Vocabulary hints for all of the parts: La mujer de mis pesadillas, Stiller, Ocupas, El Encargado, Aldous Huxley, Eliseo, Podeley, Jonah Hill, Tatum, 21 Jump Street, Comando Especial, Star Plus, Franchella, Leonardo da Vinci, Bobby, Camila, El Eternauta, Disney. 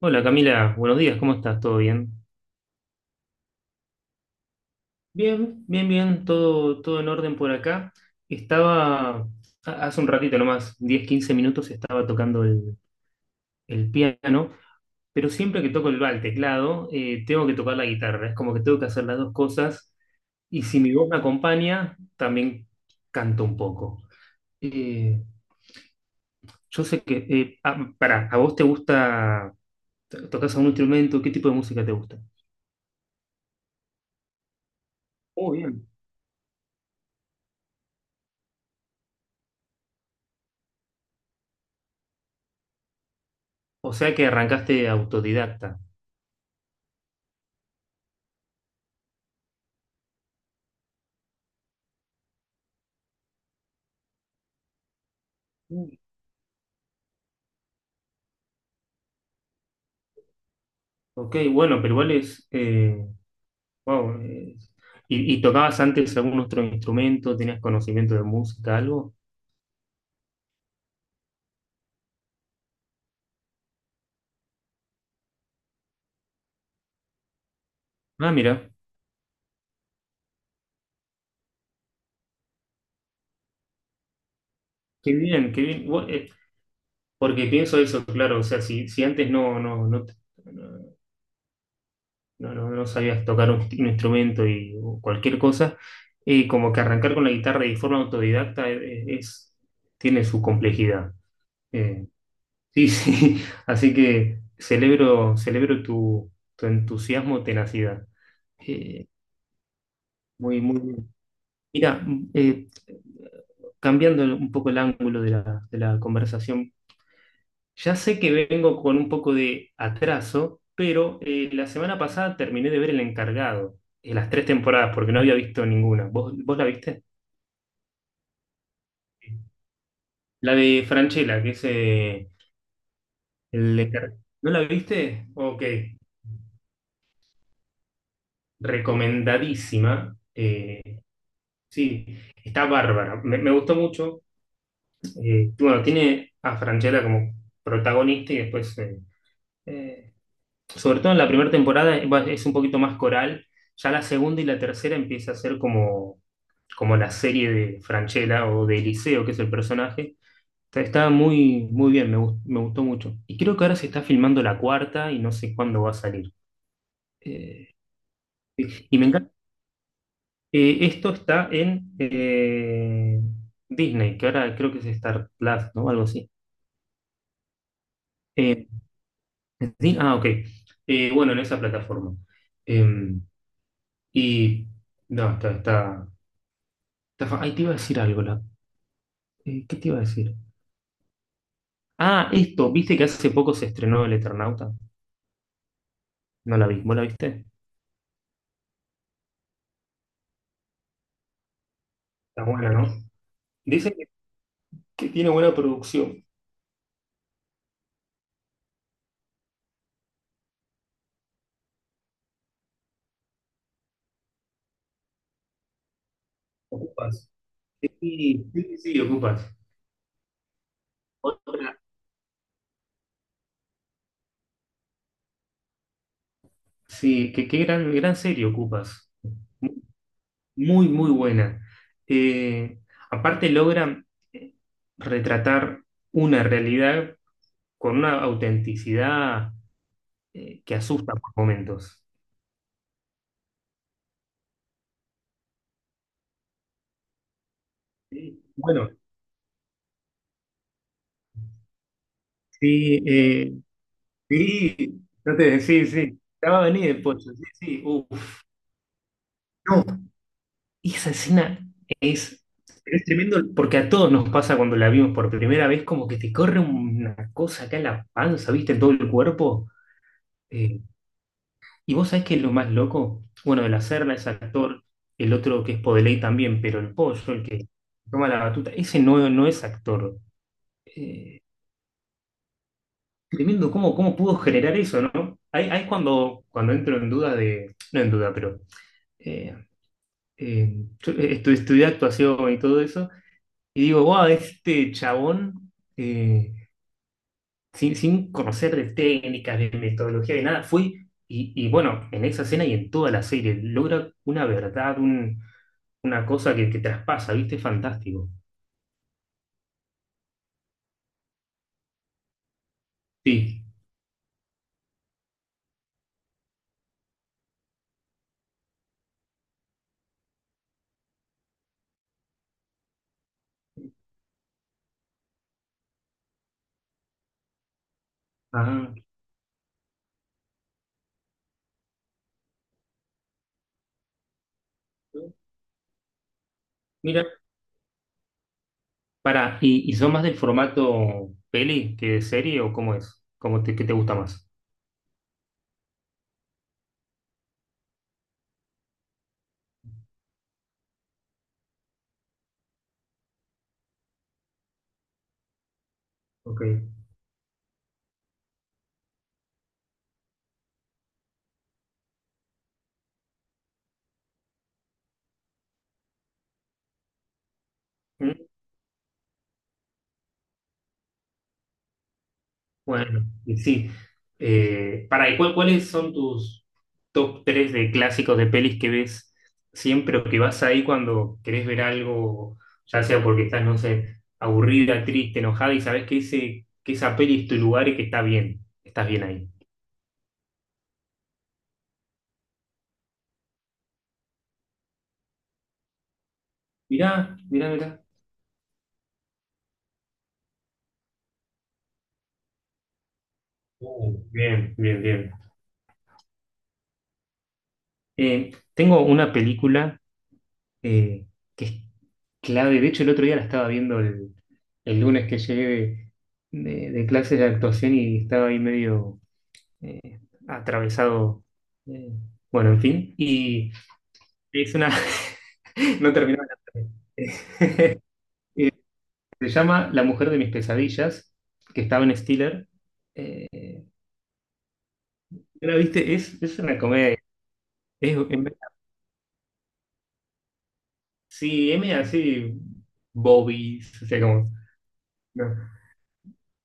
Hola Camila, buenos días, ¿cómo estás? ¿Todo bien? Bien, bien, bien, todo en orden por acá. Estaba, hace un ratito nomás, 10, 15 minutos, estaba tocando el piano, pero siempre que toco el teclado, tengo que tocar la guitarra. Es como que tengo que hacer las dos cosas y si mi voz me acompaña, también canto un poco. Eh, yo sé que, pará. ¿A vos te gusta, tocas algún instrumento? ¿Qué tipo de música te gusta? Muy bien. O sea que arrancaste autodidacta. Ok, bueno, pero igual es, wow, ¿Y tocabas antes algún otro instrumento? ¿Tenías conocimiento de música, algo? Ah, mira, qué bien, qué bien. Porque pienso eso, claro, o sea, si antes no, no, no, no, no sabías tocar un instrumento y o cualquier cosa, como que arrancar con la guitarra y de forma autodidacta, tiene su complejidad. Eh, sí, sí, así que celebro tu entusiasmo, tenacidad. Eh, Muy, muy bien. Mira, eh, cambiando un poco el ángulo de la conversación, ya sé que vengo con un poco de atraso, pero la semana pasada terminé de ver El Encargado, las tres temporadas, porque no había visto ninguna. ¿Vos la viste? La de Franchella, que es, ¿No la viste? Ok, recomendadísima. Sí, está bárbara. Me gustó mucho. Bueno, tiene a Franchella como protagonista y después, eh, sobre todo en la primera temporada, es un poquito más coral. Ya la segunda y la tercera empieza a ser como la serie de Franchella o de Eliseo, que es el personaje. Está muy, muy bien, me gustó mucho. Y creo que ahora se está filmando la cuarta y no sé cuándo va a salir. Eh, y me encanta. Esto está en, Disney, que ahora creo que es Star Plus, ¿no? Algo así. Eh, ok. Bueno, en esa plataforma. Em, y no, está. Ay, te iba a decir algo, ¿qué te iba a decir? Ah, esto, ¿viste que hace poco se estrenó El Eternauta? No la vi, ¿vos la viste? Está buena, ¿no? Dicen que tiene buena producción. Ocupas. Sí, sí, sí, sí, Ocupas. Otra. Sí, que qué gran, gran serie Ocupas. Muy, muy buena. Eh, Aparte logran, eh, retratar una realidad con una autenticidad, que asusta por momentos. Bueno, sí, sí, no te, sí, sí. Ya va a venir el pollo, sí, sí. Uf. No, esa escena es, es tremendo, porque a todos nos pasa cuando la vimos por primera vez, como que te corre una cosa acá en la panza, ¿viste? En todo el cuerpo. Eh, y vos sabés que es lo más loco, bueno, el hacerla es actor, el otro que es Podeley también, pero el pollo, el que toma la batuta, ese no, no es actor. Eh, Tremendo. Cómo pudo generar eso, no? Ahí es cuando, entro en duda de, no en duda, pero. eh, yo, estudié actuación y todo eso, y digo, wow, este chabón, eh, sin conocer de técnicas, de metodología, de nada, fue, y bueno, en esa escena y en toda la serie, logra una verdad, una cosa que traspasa, ¿viste? Fantástico. Sí. Ah, mira, para, ¿y son más del formato peli que de serie o cómo es? ¿Cómo te, qué te gusta más? Ok. Bueno, y sí. Para, ¿y cuáles son tus top 3 de clásicos de pelis que ves siempre, o que vas ahí cuando querés ver algo, ya sea porque estás, no sé, aburrida, triste, enojada y sabes que, ese, que esa peli es tu lugar y que está bien, estás bien ahí? Mirá, mirá, mirá. Bien, bien, bien. Tengo una película, eh, que es clave. De hecho, el otro día la estaba viendo, el lunes que llegué de clases de actuación, y estaba ahí medio, eh, atravesado. eh, bueno, en fin. Y es una. No terminó. Eh, Se llama La mujer de mis pesadillas, que estaba en Stiller. Eh, ¿La viste? Es una comedia. Es, es- sí, es medio así, Bobby, o sea, como. No.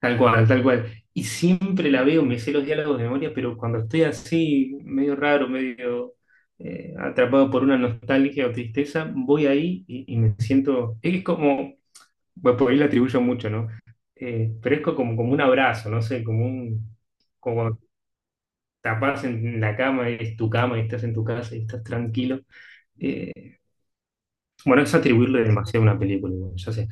Tal cual, tal cual. Y siempre la veo, me sé los diálogos de memoria, pero cuando estoy así, medio raro, medio, atrapado por una nostalgia o tristeza, voy ahí y me siento. Es como, bueno, por ahí le atribuyo mucho, ¿no? Pero es como un abrazo, no sé, como un. Como cuando tapás en la cama, es tu cama y estás en tu casa y estás tranquilo. Eh, bueno, es atribuirle demasiado a una película, bueno, ya sé.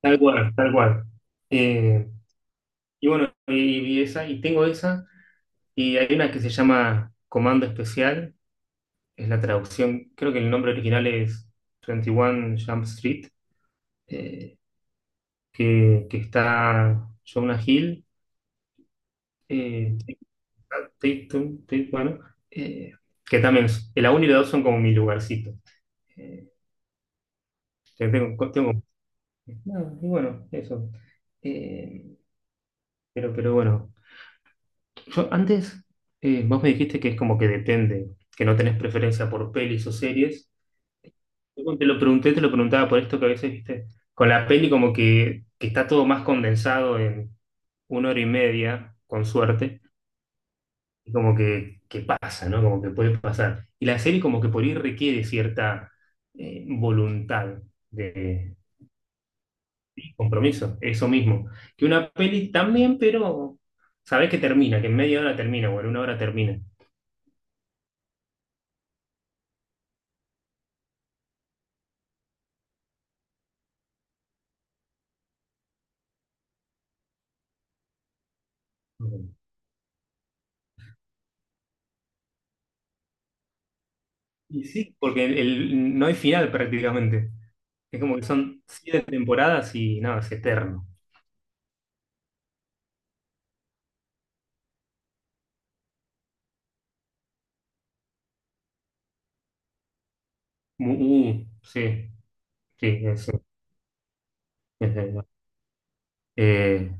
Tal cual, tal cual. Eh, y bueno, y esa, y tengo esa. Y hay una que se llama Comando Especial, es la traducción, creo que el nombre original es 21 Jump Street, eh, que está Jonah Hill, eh, Tatum, Tatum, bueno, eh, que también la 1 y la 2 son como mi lugarcito. Eh, que no, y bueno, eso. Eh, pero bueno, yo antes, vos me dijiste que es como que depende, que no tenés preferencia por pelis o series. Yo cuando te lo pregunté, te lo preguntaba por esto, que a veces, viste, con la peli como que está todo más condensado en una hora y media, con suerte, y como que pasa, ¿no? Como que puede pasar. Y la serie como que por ahí requiere cierta, voluntad de compromiso, eso mismo. Que una peli también, pero sabés que termina, que en media hora termina, o en una hora termina. Y sí, porque no hay final prácticamente. Es como que son siete temporadas y nada, es eterno. Sí, sí. Es de Eh,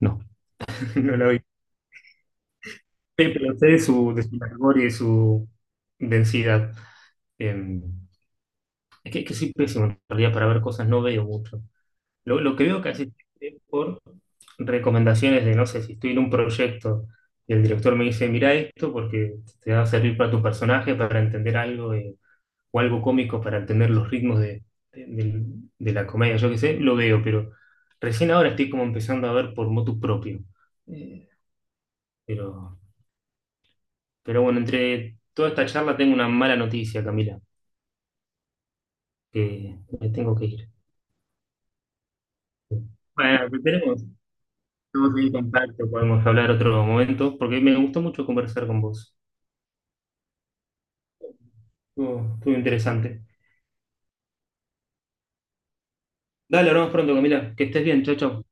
no, no la vi. Pero sé de su, largor y de su densidad. Eh, es que soy pésimo en realidad para ver cosas, no veo mucho. Lo que veo casi es por recomendaciones de, no sé, si estoy en un proyecto y el director me dice, mira esto porque te va a servir para tu personaje, para entender algo. O algo cómico para entender los ritmos de, de- del- de la comedia, yo qué sé, lo veo, pero recién ahora estoy como empezando a ver por motu propio. Eh, pero, pero bueno, entre toda esta charla tengo una mala noticia, Camila, que me tengo que ir. Bueno, pues tenemos ahí contacto, podemos hablar otro momento, porque me gustó mucho conversar con vos. Estuvo interesante. Dale, hablamos pronto, Camila. Que estés bien, chao, chao.